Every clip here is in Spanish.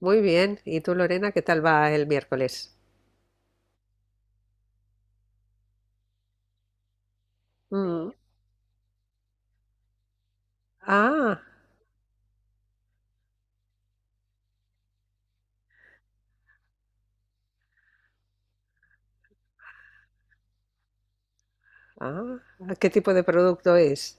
Muy bien. ¿Y tú, Lorena, qué tal va el miércoles? Mm. Ah, ah, ¿qué tipo de producto es?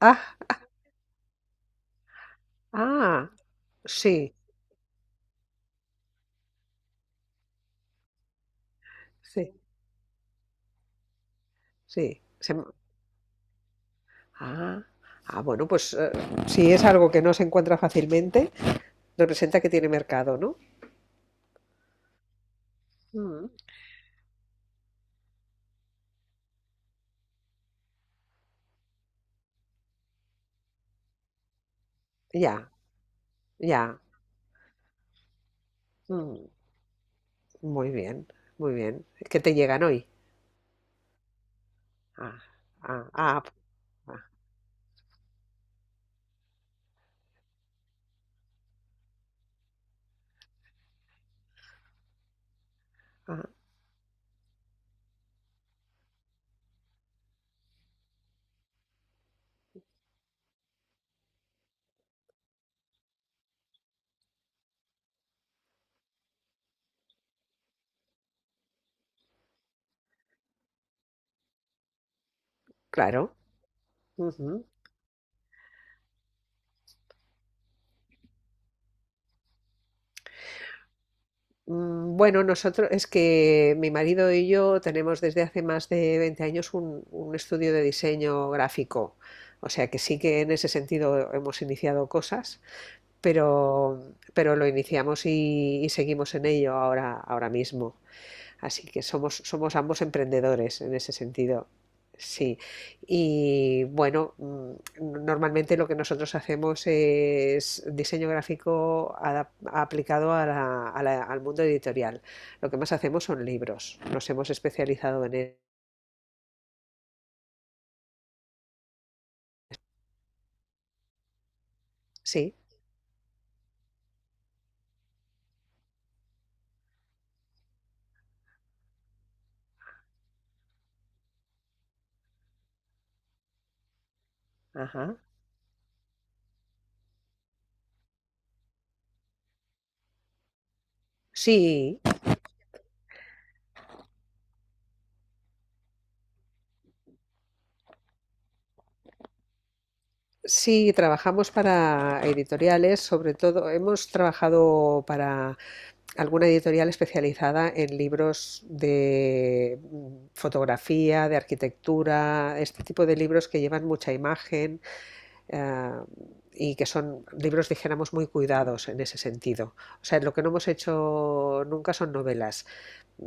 Ah, ah, sí, sí, sí. Ah, ah, bueno, pues si es algo que no se encuentra fácilmente, representa que tiene mercado, ¿no? Mm. Ya, ya. Mm. Muy bien, muy bien. ¿Qué te llegan hoy? Ah, ah, ah, ah, ah, claro. Bueno, nosotros es que mi marido y yo tenemos desde hace más de 20 años un estudio de diseño gráfico, o sea que sí que en ese sentido hemos iniciado cosas, pero, pero lo iniciamos y seguimos en ello ahora, ahora mismo. Así que somos, somos ambos emprendedores en ese sentido. Sí, y bueno, normalmente lo que nosotros hacemos es diseño gráfico aplicado al mundo editorial. Lo que más hacemos son libros. Nos hemos especializado en él. Sí, ajá. Sí, sí, trabajamos para editoriales, sobre todo hemos trabajado alguna editorial especializada en libros de fotografía, de arquitectura, este tipo de libros que llevan mucha imagen, eh, y que son libros, dijéramos, muy cuidados en ese sentido. O sea, lo que no hemos hecho nunca son novelas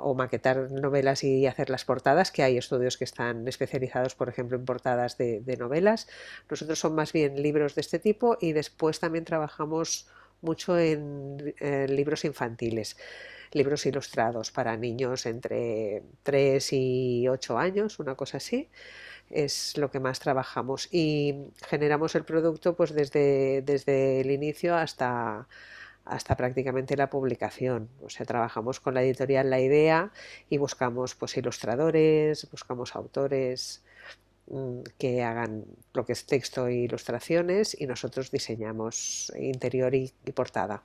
o maquetar novelas y hacer las portadas, que hay estudios que están especializados, por ejemplo, en portadas de novelas. Nosotros son más bien libros de este tipo y después también trabajamos mucho en libros infantiles, libros ilustrados para niños entre 3 y 8 años, una cosa así, es lo que más trabajamos, y generamos el producto pues desde el inicio hasta, hasta prácticamente la publicación. O sea, trabajamos con la editorial La Idea y buscamos pues ilustradores, buscamos autores que hagan lo que es texto e ilustraciones, y nosotros diseñamos interior y portada.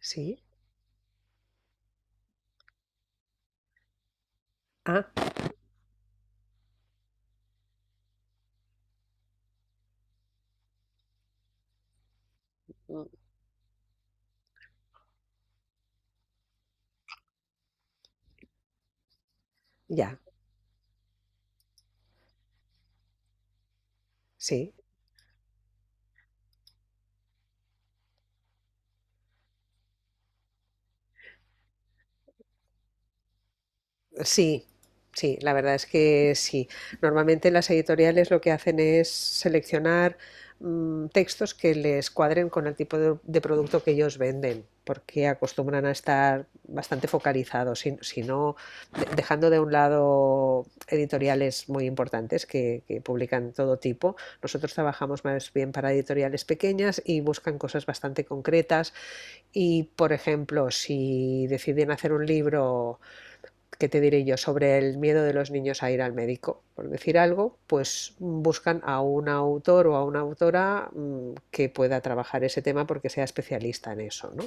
¿Sí? Ah, ya, sí. Sí, sí, la verdad es que sí. Normalmente las editoriales lo que hacen es seleccionar textos que les cuadren con el tipo de producto que ellos venden, porque acostumbran a estar bastante focalizados. Si no, dejando de un lado editoriales muy importantes que publican todo tipo. Nosotros trabajamos más bien para editoriales pequeñas y buscan cosas bastante concretas y, por ejemplo, si deciden hacer un libro, ¿qué te diré yo? Sobre el miedo de los niños a ir al médico, por decir algo, pues buscan a un autor o a una autora que pueda trabajar ese tema porque sea especialista en eso, ¿no?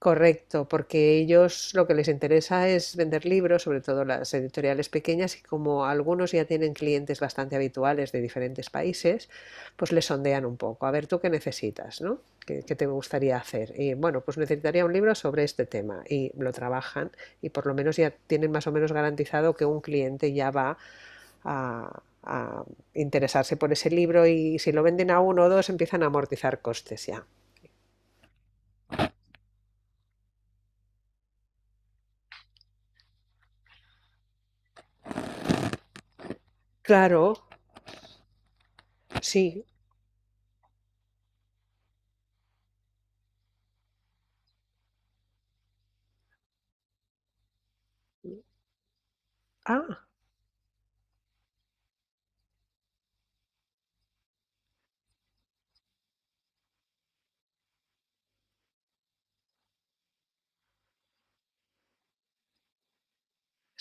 Correcto, porque ellos lo que les interesa es vender libros, sobre todo las editoriales pequeñas, y como algunos ya tienen clientes bastante habituales de diferentes países, pues les sondean un poco. A ver, ¿tú qué necesitas, no? ¿Qué te gustaría hacer? Y bueno, pues necesitaría un libro sobre este tema, y lo trabajan y por lo menos ya tienen más o menos garantizado que un cliente ya va a interesarse por ese libro, y si lo venden a uno o dos empiezan a amortizar costes ya. Claro, sí. Ah,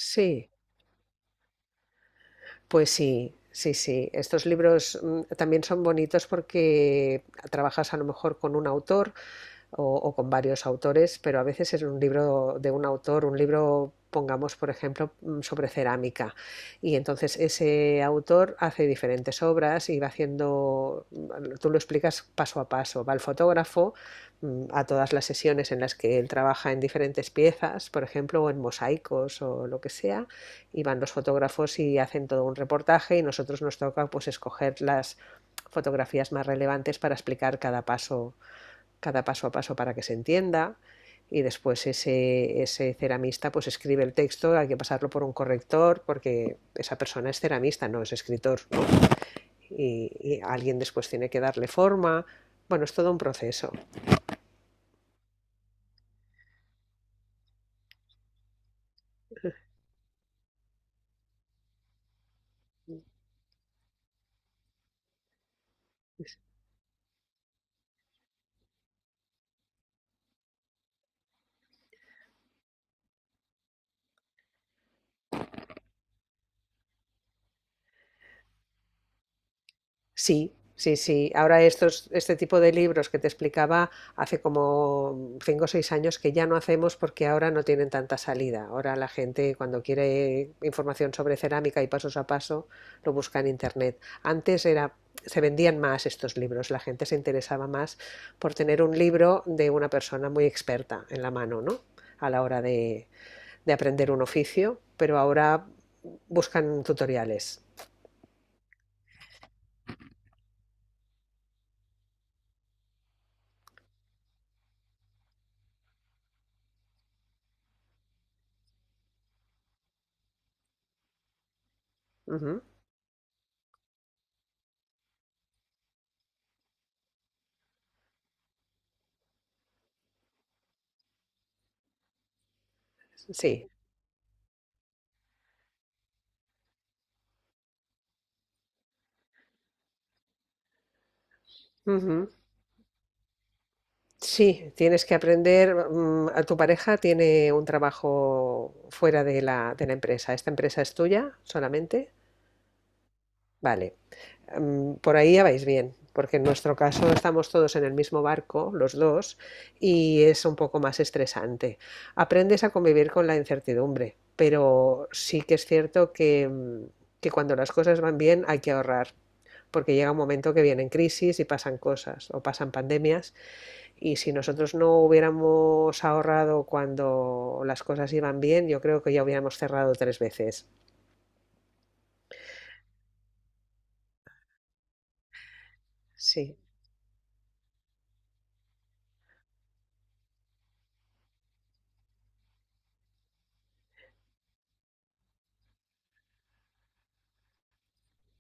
sí, pues sí, sí, sí. Estos libros también son bonitos porque trabajas a lo mejor con un autor o con varios autores, pero a veces es un libro de un autor, un libro, pongamos, por ejemplo, sobre cerámica. Y entonces ese autor hace diferentes obras y va haciendo, tú lo explicas paso a paso, va el fotógrafo a todas las sesiones en las que él trabaja en diferentes piezas, por ejemplo, o en mosaicos o lo que sea, y van los fotógrafos y hacen todo un reportaje, y nosotros nos toca pues escoger las fotografías más relevantes para explicar cada paso, cada paso a paso, para que se entienda. Y después ese ceramista pues escribe el texto. Hay que pasarlo por un corrector porque esa persona es ceramista, no es escritor, ¿no? Y alguien después tiene que darle forma. Bueno, es todo un proceso. Sí, sí, sí. Ahora este tipo de libros que te explicaba hace como cinco o seis años que ya no hacemos, porque ahora no tienen tanta salida. Ahora la gente, cuando quiere información sobre cerámica y pasos a paso, lo busca en internet. Antes era, se vendían más estos libros, la gente se interesaba más por tener un libro de una persona muy experta en la mano, ¿no? A la hora de aprender un oficio. Pero ahora buscan tutoriales. Ujú, sí. Ujú. Sí, tienes que aprender. A tu pareja tiene un trabajo fuera de la empresa. ¿Esta empresa es tuya solamente? Vale. Por ahí ya vais bien, porque en nuestro caso estamos todos en el mismo barco, los dos, y es un poco más estresante. Aprendes a convivir con la incertidumbre, pero sí que es cierto que, que cuando las cosas van bien hay que ahorrar, porque llega un momento que vienen crisis y pasan cosas o pasan pandemias, y si nosotros no hubiéramos ahorrado cuando las cosas iban bien, yo creo que ya hubiéramos cerrado tres veces. Sí,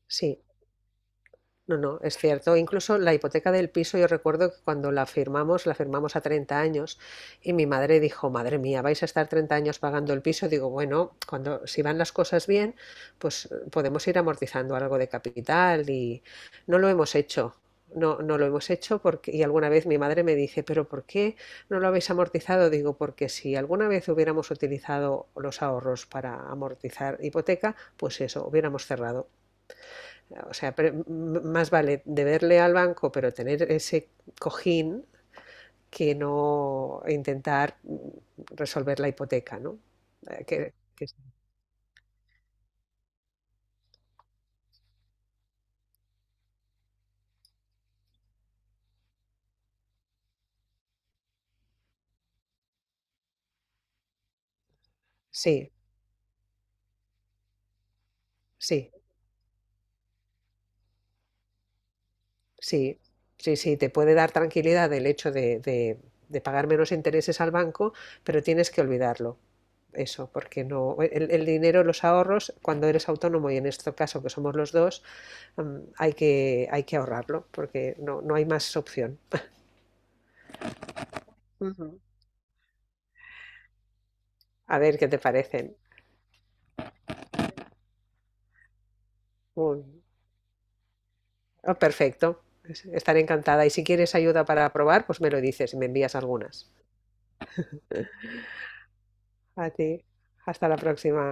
sí. No, no, es cierto. Incluso la hipoteca del piso, yo recuerdo que cuando la firmamos a 30 años, y mi madre dijo, madre mía, vais a estar 30 años pagando el piso. Digo, bueno, cuando si van las cosas bien, pues podemos ir amortizando algo de capital, y no lo hemos hecho. No, no lo hemos hecho, porque y alguna vez mi madre me dice, pero ¿por qué no lo habéis amortizado? Digo, porque si alguna vez hubiéramos utilizado los ahorros para amortizar hipoteca, pues eso, hubiéramos cerrado. O sea, más vale deberle al banco, pero tener ese cojín, que no intentar resolver la hipoteca, ¿no? Eh, que- que- sí, sí, sí, sí, sí, te puede dar tranquilidad el hecho de, de pagar menos intereses al banco, pero tienes que olvidarlo, eso, porque no, el dinero, los ahorros, cuando eres autónomo y en este caso que somos los dos, hay que ahorrarlo, porque no, no hay más opción. Ujú. A ver qué te parecen. Uy, ah, perfecto. Estaré encantada. Y si quieres ayuda para probar, pues me lo dices y me envías algunas. A ti. Hasta la próxima.